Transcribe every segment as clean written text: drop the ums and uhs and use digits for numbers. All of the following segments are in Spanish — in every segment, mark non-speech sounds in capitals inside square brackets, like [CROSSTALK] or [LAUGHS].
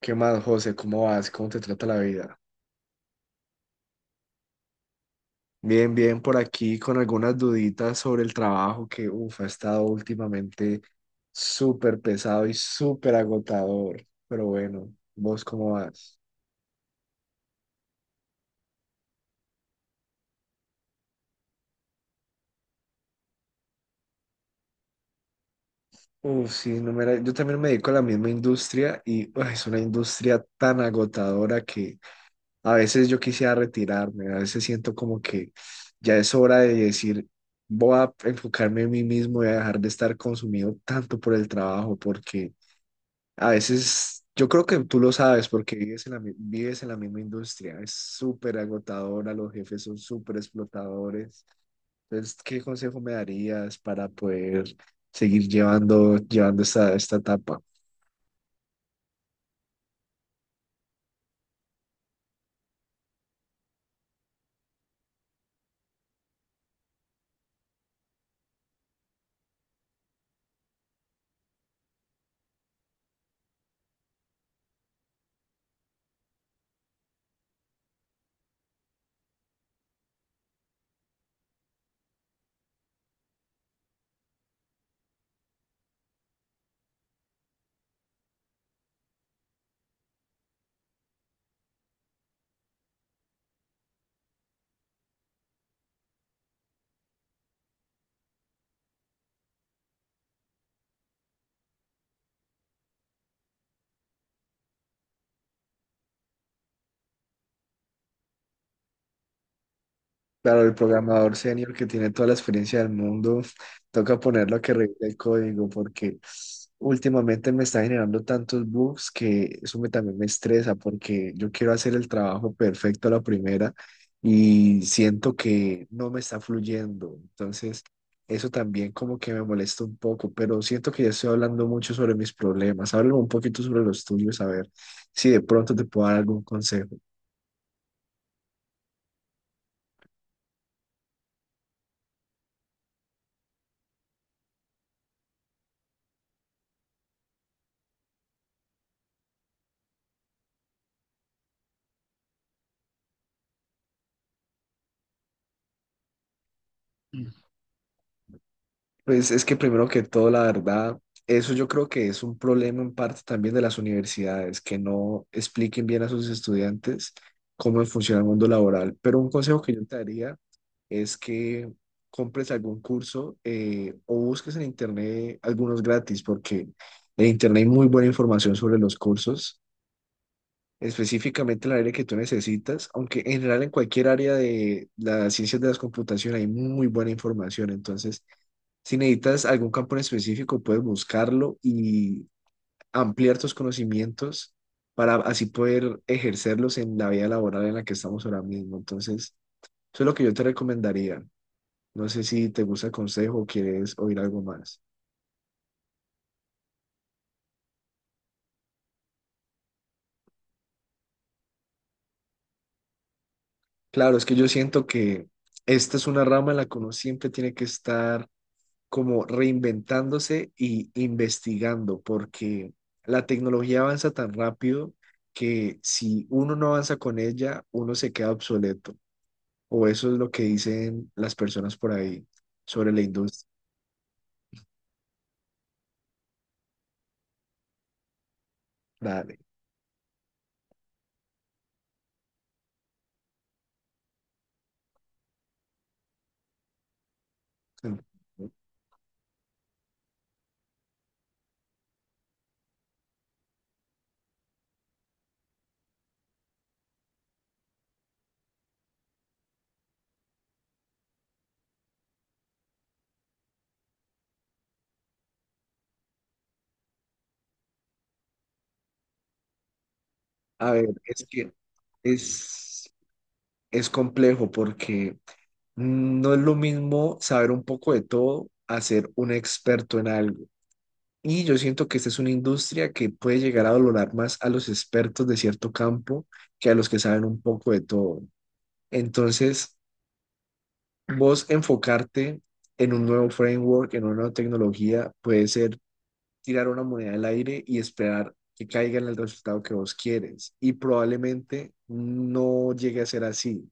¿Qué más, José? ¿Cómo vas? ¿Cómo te trata la vida? Bien, bien, por aquí con algunas duditas sobre el trabajo que, uff, ha estado últimamente súper pesado y súper agotador. Pero bueno, ¿vos cómo vas? Uff, sí, no me la- yo también me dedico a la misma industria y uah, es una industria tan agotadora que a veces yo quisiera retirarme, a veces siento como que ya es hora de decir, voy a enfocarme en mí mismo y a dejar de estar consumido tanto por el trabajo porque... A veces, yo creo que tú lo sabes porque vives vives en la misma industria, es súper agotadora, los jefes son súper explotadores. Entonces, ¿qué consejo me darías para poder seguir llevando esta, esta etapa? Claro, el programador senior que tiene toda la experiencia del mundo, toca ponerlo a que revise el código porque últimamente me está generando tantos bugs que eso me, también me estresa porque yo quiero hacer el trabajo perfecto a la primera y siento que no me está fluyendo. Entonces, eso también como que me molesta un poco, pero siento que ya estoy hablando mucho sobre mis problemas. Háblame un poquito sobre los tuyos, a ver si de pronto te puedo dar algún consejo. Pues es que primero que todo, la verdad, eso yo creo que es un problema en parte también de las universidades, que no expliquen bien a sus estudiantes cómo funciona el mundo laboral. Pero un consejo que yo te daría es que compres algún curso o busques en internet algunos gratis, porque en internet hay muy buena información sobre los cursos, específicamente en el área que tú necesitas, aunque en general en cualquier área de las ciencias de las computación hay muy buena información. Entonces... Si necesitas algún campo en específico, puedes buscarlo y ampliar tus conocimientos para así poder ejercerlos en la vida laboral en la que estamos ahora mismo. Entonces, eso es lo que yo te recomendaría. No sé si te gusta el consejo o quieres oír algo más. Claro, es que yo siento que esta es una rama en la que uno siempre tiene que estar como reinventándose y investigando, porque la tecnología avanza tan rápido que si uno no avanza con ella, uno se queda obsoleto. O eso es lo que dicen las personas por ahí sobre la industria. Dale. A ver, es, es complejo porque no es lo mismo saber un poco de todo a ser un experto en algo. Y yo siento que esta es una industria que puede llegar a valorar más a los expertos de cierto campo que a los que saben un poco de todo. Entonces, vos enfocarte en un nuevo framework, en una nueva tecnología, puede ser tirar una moneda al aire y esperar que caiga en el resultado que vos quieres. Y probablemente no llegue a ser así.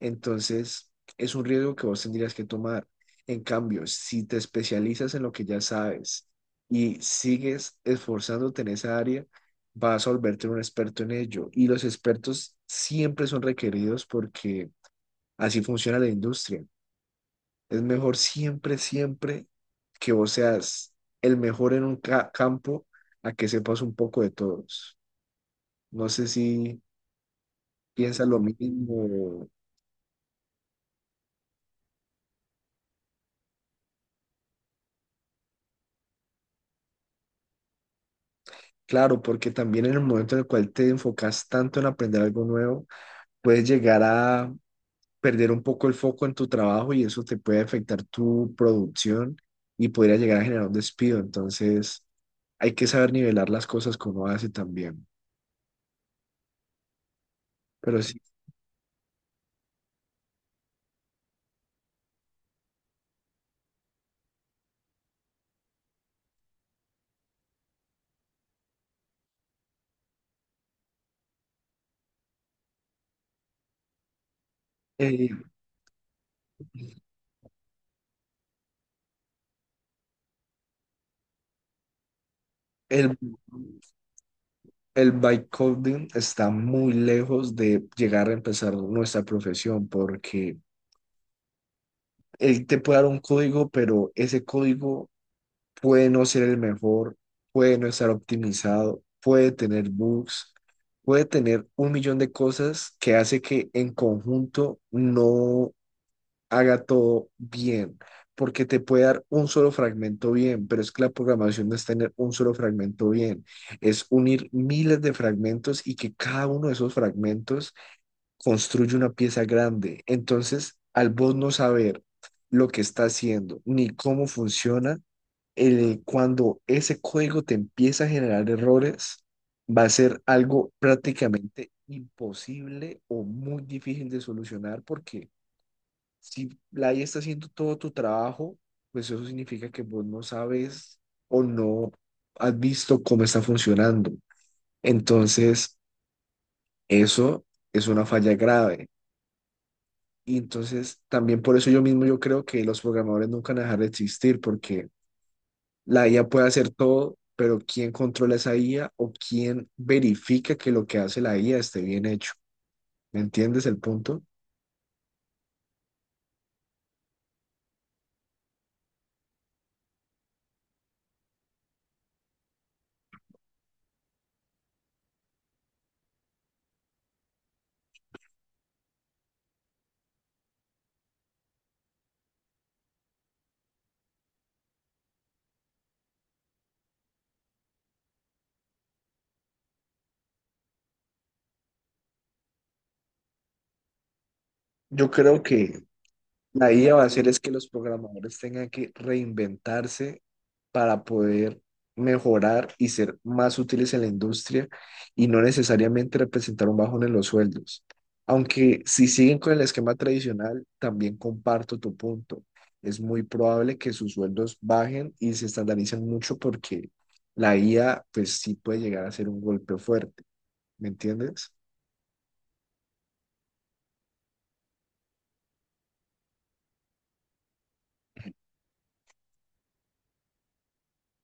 Entonces, es un riesgo que vos tendrías que tomar. En cambio, si te especializas en lo que ya sabes y sigues esforzándote en esa área, vas a volverte un experto en ello. Y los expertos siempre son requeridos porque así funciona la industria. Es mejor siempre, siempre que vos seas el mejor en un campo a que sepas un poco de todos. No sé si piensas lo mismo. Claro, porque también en el momento en el cual te enfocas tanto en aprender algo nuevo, puedes llegar a perder un poco el foco en tu trabajo y eso te puede afectar tu producción y podría llegar a generar un despido. Entonces, hay que saber nivelar las cosas que uno hace también. Pero sí, eh, el, El vibe está muy lejos de llegar a empezar nuestra profesión porque él te puede dar un código, pero ese código puede no ser el mejor, puede no estar optimizado, puede tener bugs, puede tener un millón de cosas que hace que en conjunto no haga todo bien, porque te puede dar un solo fragmento bien, pero es que la programación no es tener un solo fragmento bien, es unir miles de fragmentos y que cada uno de esos fragmentos construye una pieza grande. Entonces, al vos no saber lo que está haciendo ni cómo funciona, cuando ese código te empieza a generar errores, va a ser algo prácticamente imposible o muy difícil de solucionar porque si la IA está haciendo todo tu trabajo, pues eso significa que vos no sabes o no has visto cómo está funcionando. Entonces, eso es una falla grave. Y entonces, también por eso yo creo que los programadores nunca van a dejar de existir, porque la IA puede hacer todo, pero ¿quién controla esa IA o quién verifica que lo que hace la IA esté bien hecho? ¿Me entiendes el punto? Yo creo que la IA va a hacer es que los programadores tengan que reinventarse para poder mejorar y ser más útiles en la industria y no necesariamente representar un bajón en los sueldos. Aunque si siguen con el esquema tradicional, también comparto tu punto. Es muy probable que sus sueldos bajen y se estandaricen mucho porque la IA pues sí puede llegar a ser un golpe fuerte, ¿me entiendes?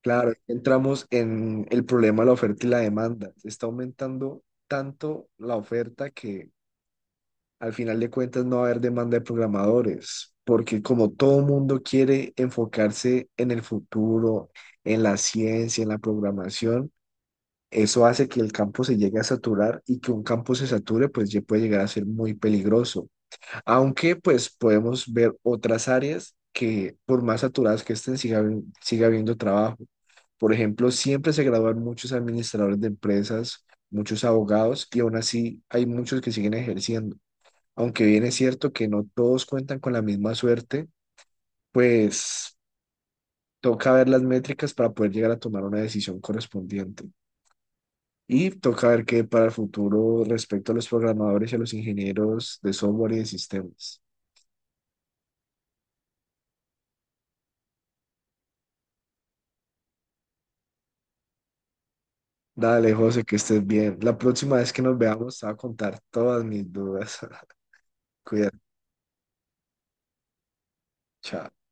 Claro, entramos en el problema de la oferta y la demanda. Se está aumentando tanto la oferta que al final de cuentas no va a haber demanda de programadores, porque como todo mundo quiere enfocarse en el futuro, en la ciencia, en la programación, eso hace que el campo se llegue a saturar y que un campo se sature, pues ya puede llegar a ser muy peligroso. Aunque pues podemos ver otras áreas que por más saturadas que estén, siga habiendo trabajo. Por ejemplo, siempre se gradúan muchos administradores de empresas, muchos abogados y aún así hay muchos que siguen ejerciendo. Aunque bien es cierto que no todos cuentan con la misma suerte, pues toca ver las métricas para poder llegar a tomar una decisión correspondiente. Y toca ver qué para el futuro respecto a los programadores y a los ingenieros de software y de sistemas. Dale, José, que estés bien. La próxima vez que nos veamos, te voy a contar todas mis dudas. [LAUGHS] Cuídate, chao.